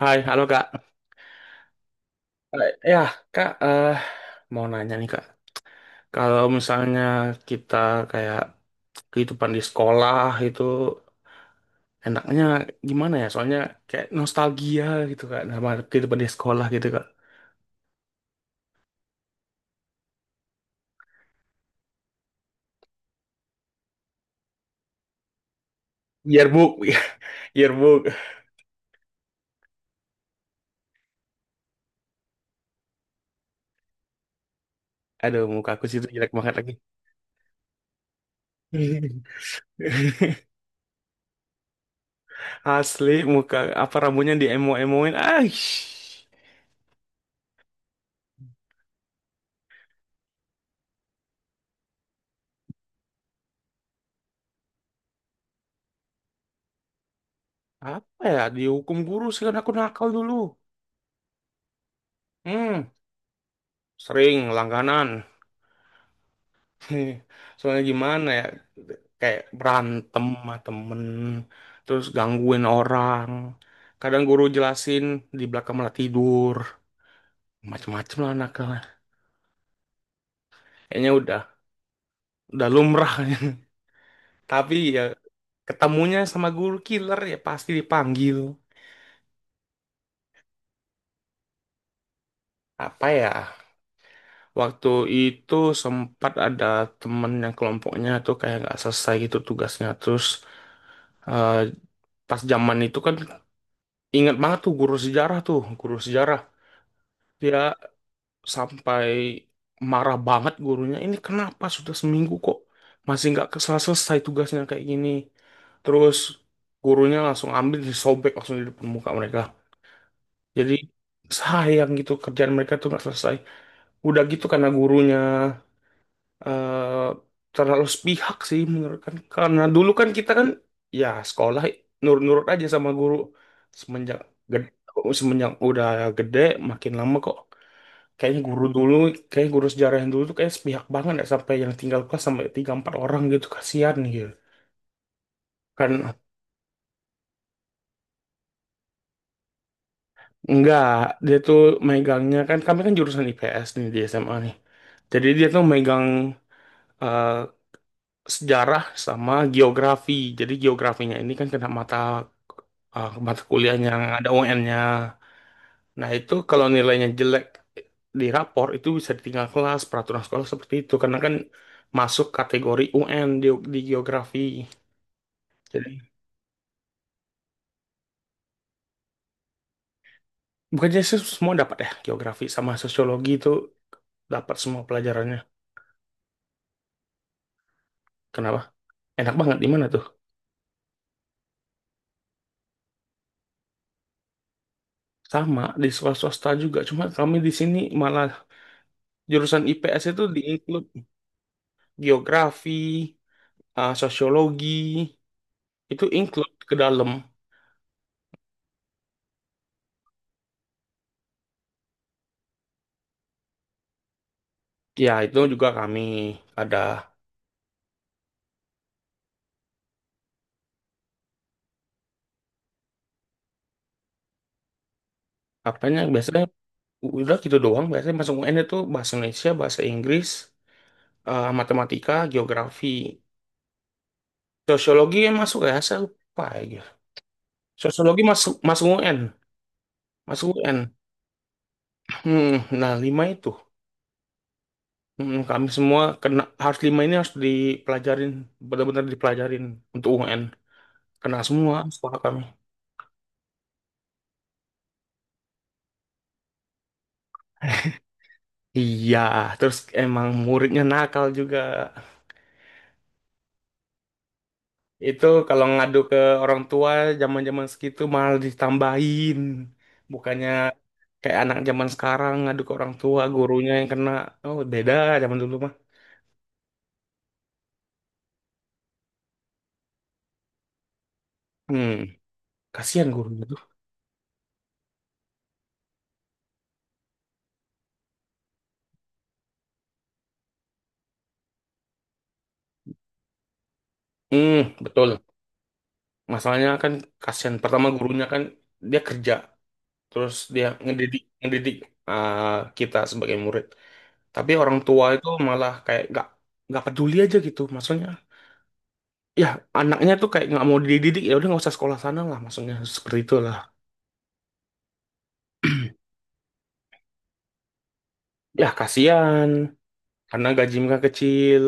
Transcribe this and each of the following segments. Hai, halo Kak. Eh, ya, Kak, mau nanya nih Kak. Kalau misalnya kita kayak kehidupan di sekolah itu enaknya gimana ya? Soalnya kayak nostalgia gitu Kak, nama kehidupan di sekolah gitu Kak. Yearbook, yearbook. Aduh, muka aku situ jelek banget lagi. Asli, muka apa rambutnya diemo-emoin. Aish, apa ya? Dihukum guru sih karena aku nakal dulu. Hmm, sering langganan. Nih, soalnya gimana ya, kayak berantem sama temen, terus gangguin orang, kadang guru jelasin di belakang malah tidur, macem-macem lah nakalnya. Kayaknya udah lumrah. Tapi ya, ketemunya sama guru killer ya pasti dipanggil. Apa ya, waktu itu sempat ada temen yang kelompoknya tuh kayak nggak selesai gitu tugasnya terus, eh, pas zaman itu kan, ingat banget tuh guru sejarah. Dia sampai marah banget gurunya, ini kenapa sudah seminggu kok masih nggak selesai tugasnya kayak gini. Terus gurunya langsung ambil, disobek langsung di depan muka mereka. Jadi sayang gitu, kerjaan mereka tuh nggak selesai. Udah gitu karena gurunya terlalu sepihak sih menurut, kan karena dulu kan kita kan ya sekolah nurut-nurut aja sama guru. semenjak gede, semenjak udah gede, makin lama kok kayaknya guru dulu, kayak guru sejarah yang dulu tuh kayak sepihak banget ya, sampai yang tinggal kelas sampai tiga empat orang gitu, kasihan gitu kan. Enggak, dia tuh megangnya kan, kami kan jurusan IPS nih di SMA nih, jadi dia tuh megang eh, sejarah sama geografi. Jadi geografinya ini kan kena mata, mata kuliahnya ada UN-nya. Nah itu kalau nilainya jelek di rapor itu bisa ditinggal kelas, peraturan sekolah seperti itu karena kan masuk kategori UN di geografi. Jadi, bukannya sih semua dapat ya, geografi sama sosiologi itu dapat semua pelajarannya. Kenapa? Enak banget di mana tuh? Sama di swasta juga, cuma kami di sini malah jurusan IPS itu di include geografi, sosiologi itu include ke dalam. Ya itu juga kami ada, apanya biasanya udah gitu doang. Biasanya masuk UN itu bahasa Indonesia, bahasa Inggris, matematika, geografi, sosiologi yang masuk ya, saya lupa ya. Sosiologi masuk masuk UN. Mas UN. Hmm, nah, lima itu. Hmm, kami semua kena harus lima ini, harus dipelajarin, benar-benar dipelajarin untuk UN. Kena semua sekolah kami. Iya, terus emang muridnya nakal juga. Itu kalau ngadu ke orang tua zaman-zaman segitu malah ditambahin. Bukannya kayak anak zaman sekarang ngadu ke orang tua, gurunya yang kena. Oh, beda zaman dulu mah. Hmm, kasihan gurunya tuh. Hmm, betul. Masalahnya kan kasihan pertama gurunya kan, dia kerja terus dia ngedidik ngedidik kita sebagai murid, tapi orang tua itu malah kayak nggak peduli aja gitu, maksudnya ya anaknya tuh kayak nggak mau dididik, ya udah nggak usah sekolah sana lah, maksudnya seperti itulah. Ya kasihan karena gaji mereka kecil.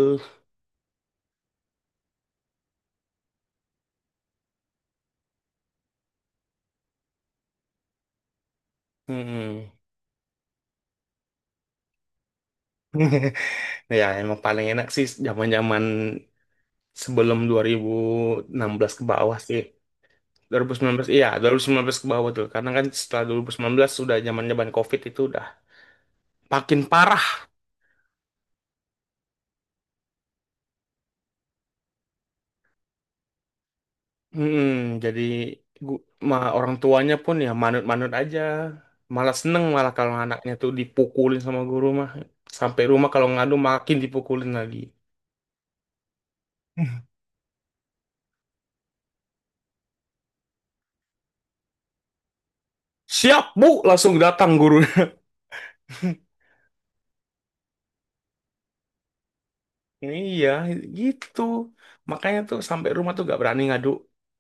Mm. Ya emang paling enak sih zaman-zaman sebelum 2016 ke bawah sih, 2019, iya, 2019 ke bawah tuh, karena kan setelah 2019 sudah zamannya ban COVID itu udah makin parah. Mm-mm, jadi gu- orang tuanya pun ya manut-manut aja. Malah seneng malah kalau anaknya tuh dipukulin sama guru mah, sampai rumah kalau ngadu makin dipukulin lagi. Siap Bu, langsung datang guru. Iya gitu, makanya tuh sampai rumah tuh gak berani ngadu,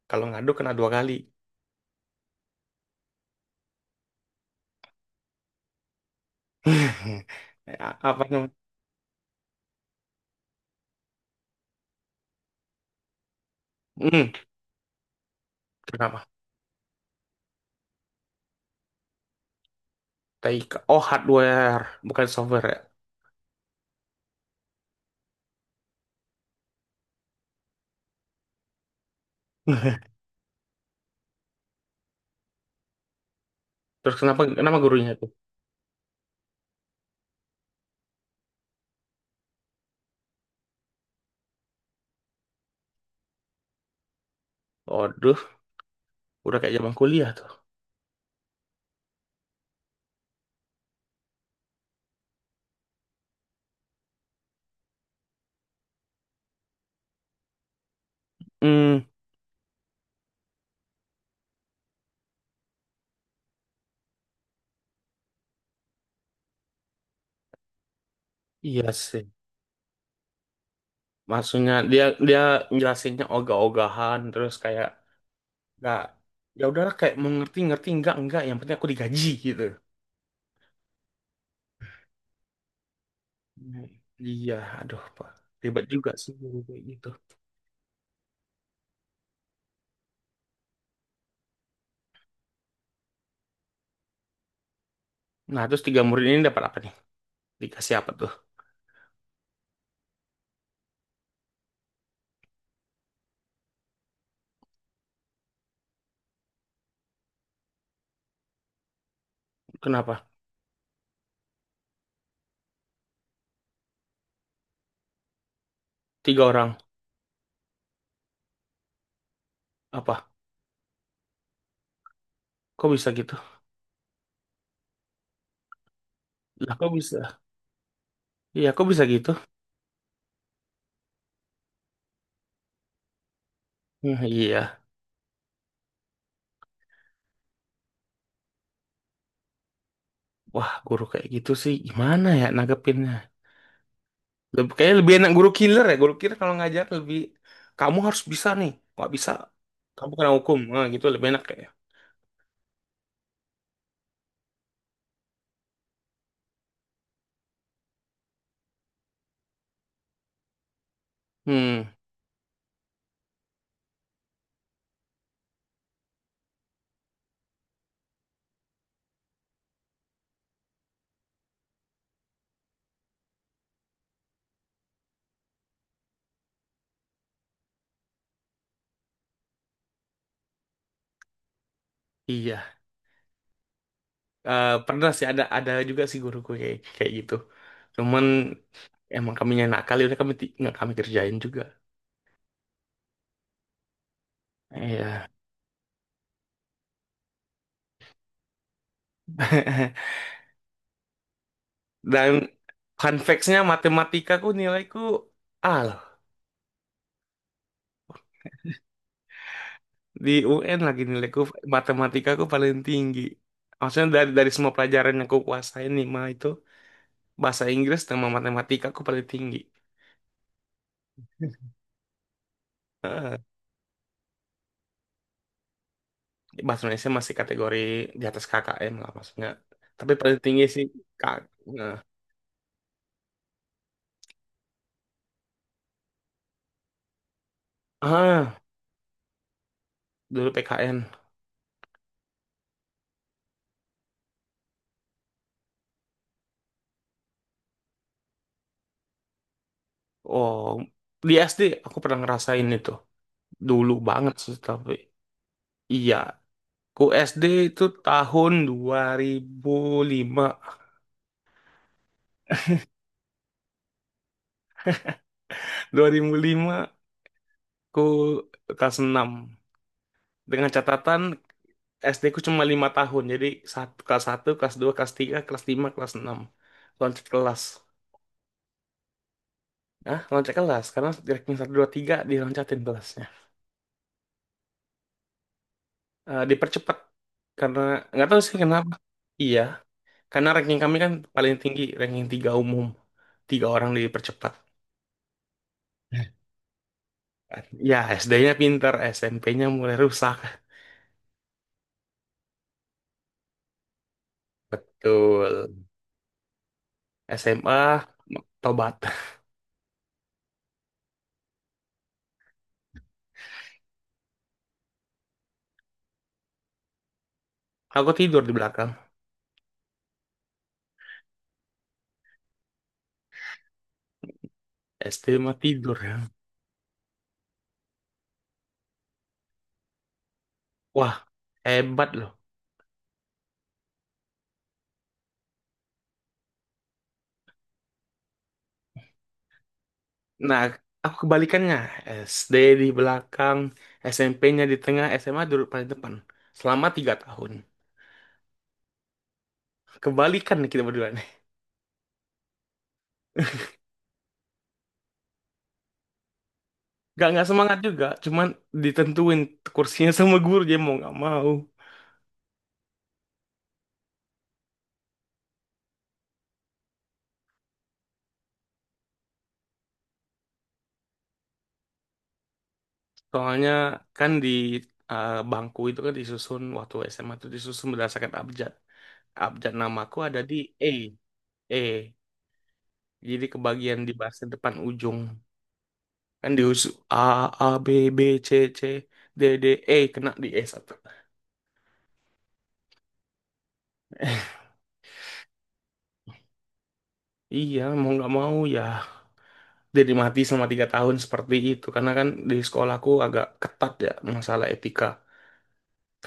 kalau ngadu kena 2 kali. Apa namanya. Hmm, kenapa Taika? Oh, hardware, bukan software ya. Terus kenapa kenapa gurunya tuh? Waduh, udah kayak zaman kuliah tuh. Hmm, iya sih. Maksudnya dia dia jelasinnya ogah-ogahan, terus kayak nggak, ya udahlah, kayak mau ngerti ngerti enggak, yang penting aku digaji gitu. Hmm, iya, aduh Pak. Ribet juga sih guru kayak gitu. Nah, terus tiga murid ini dapat apa nih? Dikasih apa tuh? Kenapa? Tiga orang. Apa? Kok bisa gitu? Lah, kok bisa? Iya, kok bisa gitu? Hmm, iya. Wah, guru kayak gitu sih gimana ya nanggepinnya? Kayaknya lebih enak guru killer ya. Guru killer kalau ngajar lebih, kamu harus bisa nih. Nggak bisa kamu kena hukum. Nah, gitu lebih enak kayaknya. Hmm, iya. Pernah sih ada juga sih guruku kayak kayak gitu. Cuman emang kami nakal kali, udah kami nggak kami kerjain juga. Iya. Dan fun facts-nya matematikaku nilaiku A lah. Di UN lagi nilaiku matematika aku paling tinggi. Maksudnya dari semua pelajaran yang aku kuasain nih mah itu, bahasa Inggris sama matematika aku paling tinggi. Heeh. Bahasa Indonesia masih kategori di atas KKM lah maksudnya. Tapi paling tinggi sih Kak. Nah. Ah, dulu PKN. Oh, di SD aku pernah ngerasain itu. Dulu banget sih tapi, iya. Ku SD itu tahun 2005. 2005 ku kelas enam. Dengan catatan SD ku cuma 5 tahun. Jadi kelas satu, kelas dua, kelas tiga, kelas lima, kelas enam. Loncat kelas. Nah, loncat kelas. Karena di ranking 1, 2, 3 diloncatin kelasnya. Eh, dipercepat. Karena, nggak tahu sih kenapa. Iya. Karena ranking kami kan paling tinggi. Ranking tiga umum. Tiga orang dipercepat. Ya, SD-nya pinter. SMP-nya mulai rusak. Betul. SMA, tobat. Aku tidur di belakang. SD mah tidur ya. Wah, hebat loh. Nah, aku kebalikannya. SD di belakang, SMP-nya di tengah, SMA dulu paling depan. Selama 3 tahun. Kebalikan nih kita berdua nih. Gak, nggak semangat juga, cuman ditentuin kursinya sama guru, dia mau nggak mau. Soalnya kan bangku itu kan disusun, waktu SMA itu disusun berdasarkan abjad. Abjad namaku ada di E. E. Jadi kebagian di bagian depan ujung. Kan di A, A, B, B, C, C, D, D, E. Kena di E satu. Iya, mau nggak mau ya jadi mati selama 3 tahun seperti itu. Karena kan di sekolahku agak ketat ya masalah etika.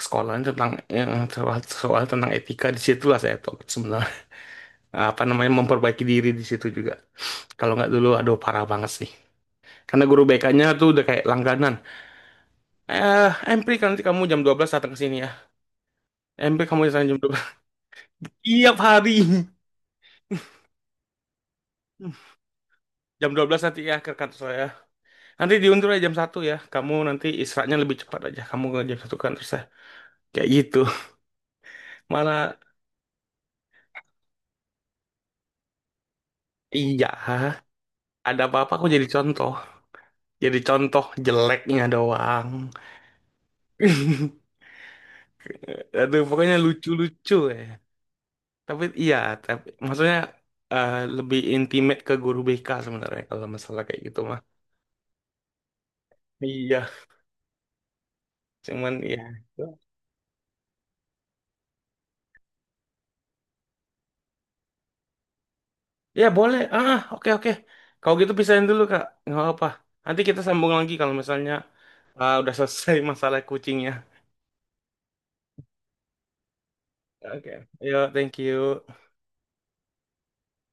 Sekolahan tentang yang soal, soal tentang etika, di situlah saya tuh sebenarnya apa namanya memperbaiki diri di situ juga. Kalau nggak dulu, aduh parah banget sih. Karena guru BK-nya tuh udah kayak langganan. Eh, Empri kan nanti kamu jam 12 datang ke sini ya. Empri kamu datang jam 12. Tiap hari. Jam 12 nanti ya ke kantor saya. Nanti diundur aja jam 1 ya. Kamu nanti istirahatnya lebih cepat aja. Kamu ke jam 1 kan terus ya. Kayak gitu. Malah iya, ada apa-apa aku jadi contoh. Jadi contoh jeleknya doang. Aduh, pokoknya lucu-lucu ya. Tapi iya, tapi maksudnya lebih intimate ke guru BK sebenarnya kalau masalah kayak gitu mah. Iya, cuman ya. Ya boleh. Ah, ah, oke oke. Kalau gitu pisahin dulu Kak. Nggak apa-apa. Nanti kita sambung lagi kalau misalnya udah selesai. Masalah kucingnya. Oke, yuk, thank you.